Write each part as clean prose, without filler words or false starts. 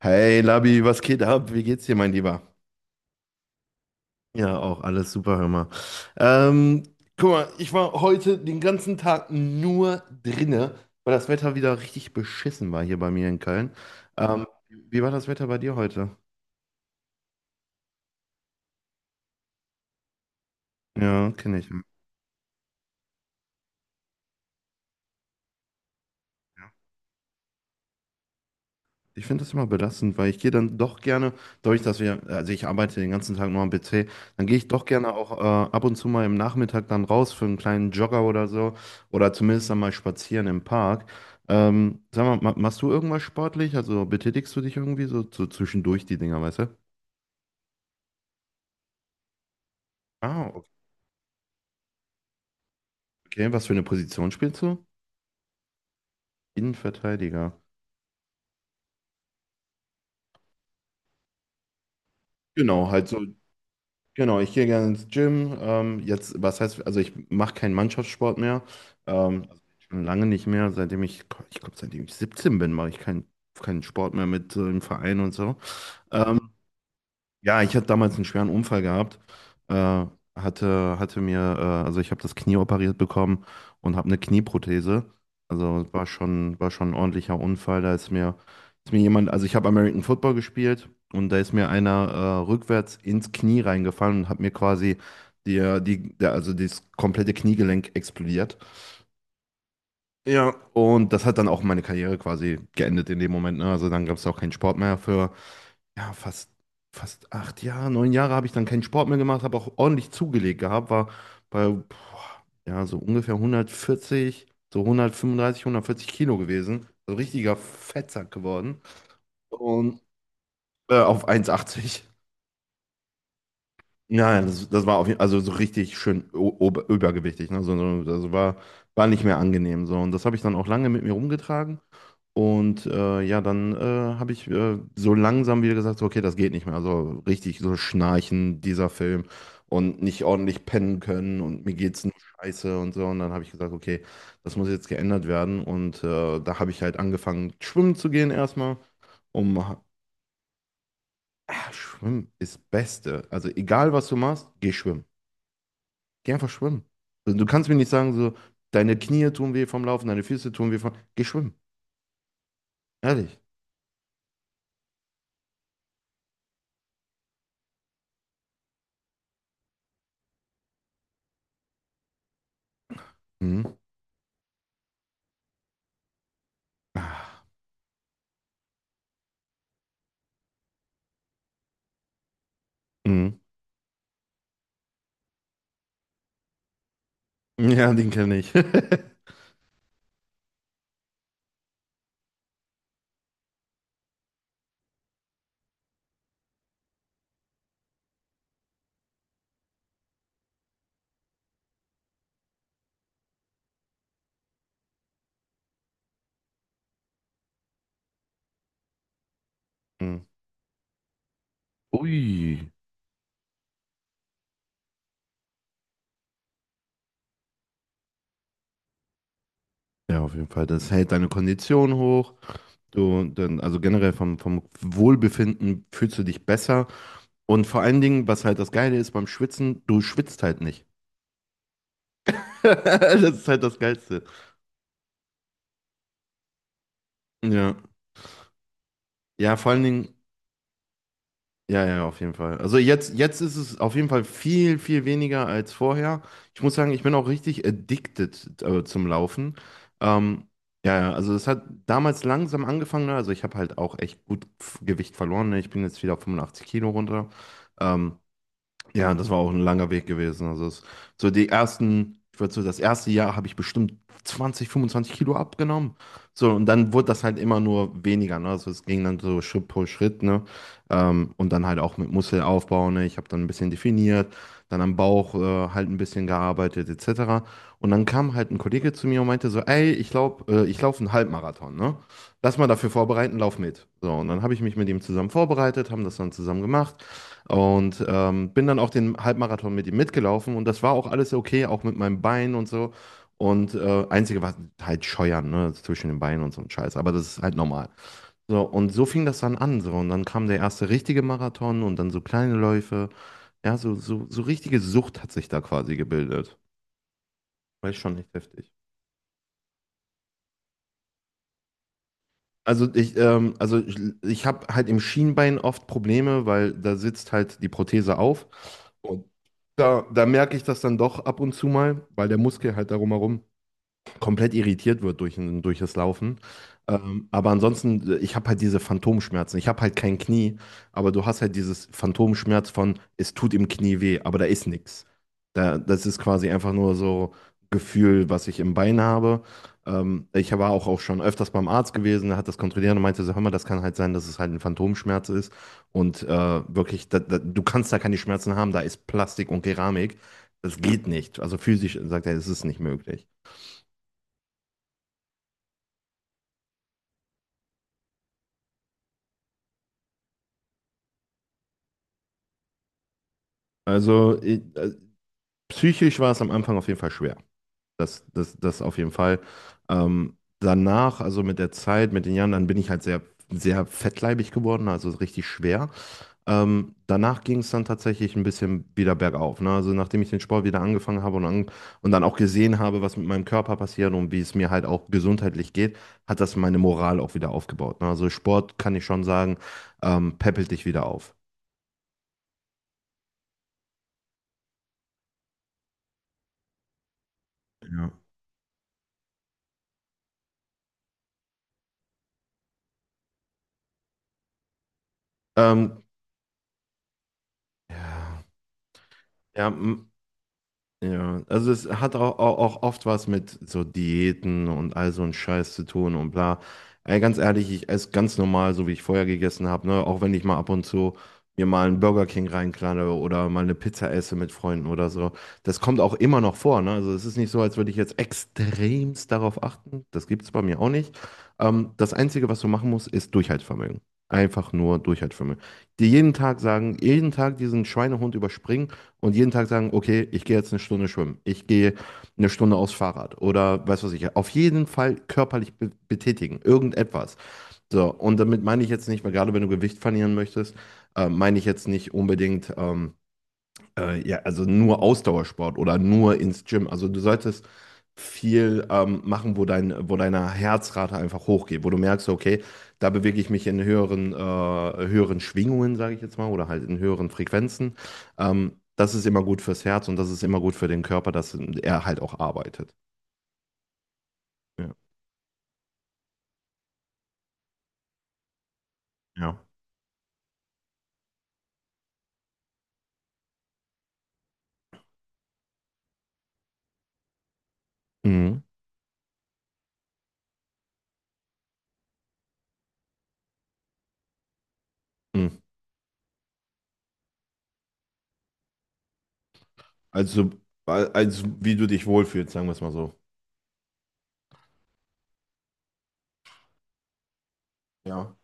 Hey Labi, was geht ab? Wie geht's dir, mein Lieber? Ja, auch alles super, hör mal. Ähm, guck mal, ich war heute den ganzen Tag nur drinne, weil das Wetter wieder richtig beschissen war hier bei mir in Köln. Wie war das Wetter bei dir heute? Ja, kenne ich. Ich finde das immer belastend, weil ich gehe dann doch gerne, also ich arbeite den ganzen Tag nur am PC, dann gehe ich doch gerne auch ab und zu mal im Nachmittag dann raus für einen kleinen Jogger oder so oder zumindest dann mal spazieren im Park. Sag mal, ma machst du irgendwas sportlich? Also betätigst du dich irgendwie so, so zwischendurch die Dinger, weißt du? Ah, okay. Was für eine Position spielst du? Innenverteidiger. Genau, halt so. Genau, ich gehe gerne ins Gym. Jetzt, was heißt, also ich mache keinen Mannschaftssport mehr. Also schon lange nicht mehr. Ich glaube, seitdem ich 17 bin, mache ich keinen Sport mehr mit im Verein und so. Ähm, ja, ich hatte damals einen schweren Unfall gehabt. Äh, also ich habe das Knie operiert bekommen und habe eine Knieprothese. Also es war schon ein ordentlicher Unfall. Ist mir jemand, also ich habe American Football gespielt und da ist mir einer rückwärts ins Knie reingefallen und hat mir quasi also das komplette Kniegelenk explodiert. Ja, und das hat dann auch meine Karriere quasi geendet in dem Moment. Ne? Also dann gab es auch keinen Sport mehr für ja, fast, fast acht Jahre, neun Jahre habe ich dann keinen Sport mehr gemacht, habe auch ordentlich zugelegt gehabt, war bei boah, ja, so ungefähr hundertvierzig, so hundertfünfunddreißig, hundertvierzig Kilo gewesen. So richtiger Fettsack geworden. Und auf 1,80. Ja, das, das war auf jeden Fall, also so richtig schön übergewichtig. Ne? Das war, war nicht mehr angenehm. So. Und das habe ich dann auch lange mit mir rumgetragen. Und ja, dann habe ich so langsam wieder gesagt, so, okay, das geht nicht mehr. Also richtig so schnarchen, dieser Film und nicht ordentlich pennen können und mir geht's nur scheiße und so. Und dann habe ich gesagt, okay, das muss jetzt geändert werden. Und da habe ich halt angefangen, schwimmen zu gehen erstmal. Um, ah, schwimmen ist das Beste. Also egal, was du machst, geh schwimmen. Geh einfach schwimmen. Also, du kannst mir nicht sagen, so, deine Knie tun weh vom Laufen, deine Füße tun weh vom... Geh schwimmen. Ehrlich. Mhm. Ah. Mhm. Ja, den kenne ich. Hm. Ui. Ja, auf jeden Fall. Das hält deine Kondition hoch. Du, dann, also generell vom Wohlbefinden fühlst du dich besser. Und vor allen Dingen, was halt das Geile ist beim Schwitzen, du schwitzt halt nicht. Das ist halt das Geilste. Ja. Ja, vor allen Dingen, ja, ja, auf jeden Fall. Also jetzt, jetzt ist es auf jeden Fall viel, viel weniger als vorher. Ich muss sagen, ich bin auch richtig addicted, zum Laufen. Ähm, ja, also es hat damals langsam angefangen, ne? Also ich habe halt auch echt gut Gewicht verloren, ne? Ich bin jetzt wieder auf 85 Kilo runter. Ähm, ja, das war auch ein langer Weg gewesen. So die ersten, ich würde so das erste Jahr habe ich bestimmt 20, 25 Kilo abgenommen. So, und dann wurde das halt immer nur weniger, ne? Also es ging dann so Schritt pro Schritt, ne? Und dann halt auch mit Muskelaufbau, ne? Ich habe dann ein bisschen definiert, dann am Bauch halt ein bisschen gearbeitet, etc. Und dann kam halt ein Kollege zu mir und meinte so, ey, ich glaube, ich laufe einen Halbmarathon, ne? Lass mal dafür vorbereiten, lauf mit. So, und dann habe ich mich mit ihm zusammen vorbereitet, haben das dann zusammen gemacht. Und bin dann auch den Halbmarathon mit ihm mitgelaufen und das war auch alles okay, auch mit meinem Bein und so. Und einzige war halt Scheuern, ne, zwischen den Beinen und so ein Scheiß, aber das ist halt normal. So, und so fing das dann an, so. Und dann kam der erste richtige Marathon und dann so kleine Läufe. Ja, so, so, so richtige Sucht hat sich da quasi gebildet. War schon echt heftig. Ich habe halt im Schienbein oft Probleme, weil da sitzt halt die Prothese auf. Und da merke ich das dann doch ab und zu mal, weil der Muskel halt darum herum komplett irritiert wird durch das Laufen. Aber ansonsten, ich habe halt diese Phantomschmerzen. Ich habe halt kein Knie, aber du hast halt dieses Phantomschmerz von, es tut im Knie weh, aber da ist nichts. Das ist quasi einfach nur so Gefühl, was ich im Bein habe. Ich war auch schon öfters beim Arzt gewesen, der hat das kontrolliert und meinte so, hör mal, das kann halt sein, dass es halt ein Phantomschmerz ist. Und wirklich, du kannst da keine Schmerzen haben, da ist Plastik und Keramik. Das geht nicht. Also physisch sagt er, es ist nicht möglich. Also ich, äh, psychisch war es am Anfang auf jeden Fall schwer. Das auf jeden Fall. Danach, also mit der Zeit, mit den Jahren, dann bin ich halt sehr, sehr fettleibig geworden, also richtig schwer. Danach ging es dann tatsächlich ein bisschen wieder bergauf. Ne? Also nachdem ich den Sport wieder angefangen habe und, an, und dann auch gesehen habe, was mit meinem Körper passiert und wie es mir halt auch gesundheitlich geht, hat das meine Moral auch wieder aufgebaut. Ne? Also Sport kann ich schon sagen, peppelt dich wieder auf. Ja. Ähm, ja, ja, also es hat auch oft was mit so Diäten und all so ein Scheiß zu tun und bla. Ey, ganz ehrlich, ich esse ganz normal, so wie ich vorher gegessen habe, ne? Auch wenn ich mal ab und zu mir mal einen Burger King reinklalle oder mal eine Pizza esse mit Freunden oder so. Das kommt auch immer noch vor, ne? Also es ist nicht so, als würde ich jetzt extremst darauf achten. Das gibt's bei mir auch nicht. Das Einzige, was du machen musst, ist Durchhaltevermögen. Einfach nur Durchhaltevermögen. Dir jeden Tag sagen, jeden Tag diesen Schweinehund überspringen und jeden Tag sagen, okay, ich gehe jetzt eine Stunde schwimmen, ich gehe eine Stunde aufs Fahrrad oder weiß was ich, auf jeden Fall körperlich be betätigen, irgendetwas. So, und damit meine ich jetzt nicht, weil gerade wenn du Gewicht verlieren möchtest, meine ich jetzt nicht unbedingt, ja, also nur Ausdauersport oder nur ins Gym. Also du solltest viel machen, wo wo deine Herzrate einfach hochgeht, wo du merkst, okay, da bewege ich mich in höheren, höheren Schwingungen, sage ich jetzt mal, oder halt in höheren Frequenzen. Das ist immer gut fürs Herz und das ist immer gut für den Körper, dass er halt auch arbeitet. Ja. Ja. Mhm. Mhm. Also, als wie du dich wohlfühlst, sagen wir es mal so. Ja.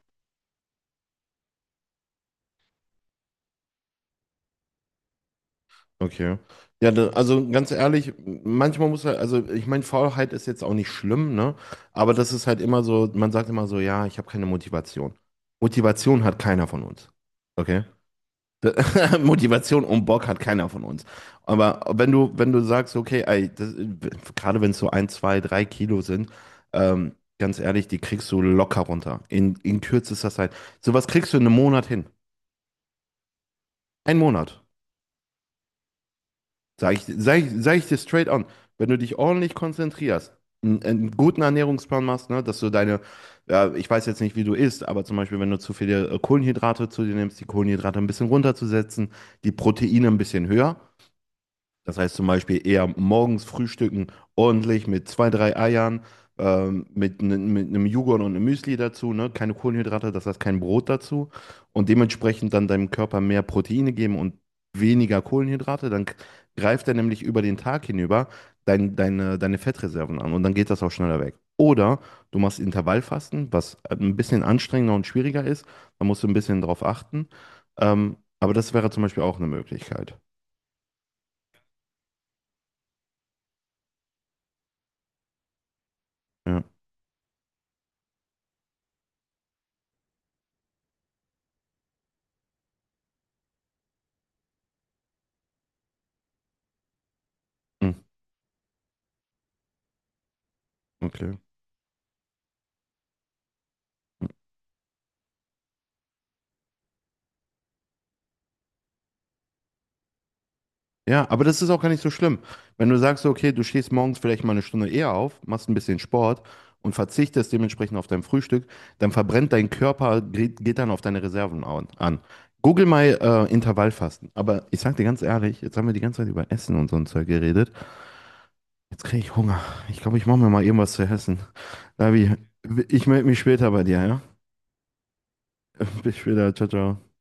Okay. Also ganz ehrlich, manchmal muss halt, also ich meine, Faulheit ist jetzt auch nicht schlimm, ne? Aber das ist halt immer so, man sagt immer so, ja, ich habe keine Motivation. Motivation hat keiner von uns. Okay? Motivation und Bock hat keiner von uns. Aber wenn du sagst, okay, ey, das, gerade wenn es so ein, zwei, drei Kilo sind, ganz ehrlich, die kriegst du locker runter. In kürzester Zeit. Sowas kriegst du in einem Monat hin. Ein Monat. Sag ich dir straight on, wenn du dich ordentlich konzentrierst, einen guten Ernährungsplan machst, ne, ja, ich weiß jetzt nicht, wie du isst, aber zum Beispiel, wenn du zu viele Kohlenhydrate zu dir nimmst, die Kohlenhydrate ein bisschen runterzusetzen, die Proteine ein bisschen höher, das heißt zum Beispiel eher morgens frühstücken, ordentlich mit zwei, drei Eiern, mit, ne, mit einem Joghurt und einem Müsli dazu, ne? Keine Kohlenhydrate, das heißt kein Brot dazu. Und dementsprechend dann deinem Körper mehr Proteine geben und weniger Kohlenhydrate. Greift er nämlich über den Tag hinüber deine Fettreserven an und dann geht das auch schneller weg. Oder du machst Intervallfasten, was ein bisschen anstrengender und schwieriger ist. Da musst du ein bisschen drauf achten. Aber das wäre zum Beispiel auch eine Möglichkeit. Ja. Hm, okay. Ja, aber das ist auch gar nicht so schlimm. Wenn du sagst, okay, du stehst morgens vielleicht mal eine Stunde eher auf, machst ein bisschen Sport und verzichtest dementsprechend auf dein Frühstück, dann verbrennt dein Körper, geht dann auf deine Reserven an. Google mal Intervallfasten. Aber ich sag dir ganz ehrlich, jetzt haben wir die ganze Zeit über Essen und so ein Zeug geredet. Jetzt kriege ich Hunger. Ich glaube, ich mache mir mal irgendwas zu essen. Davi, ich melde mich später bei dir, ja? Bis später, ciao, ciao.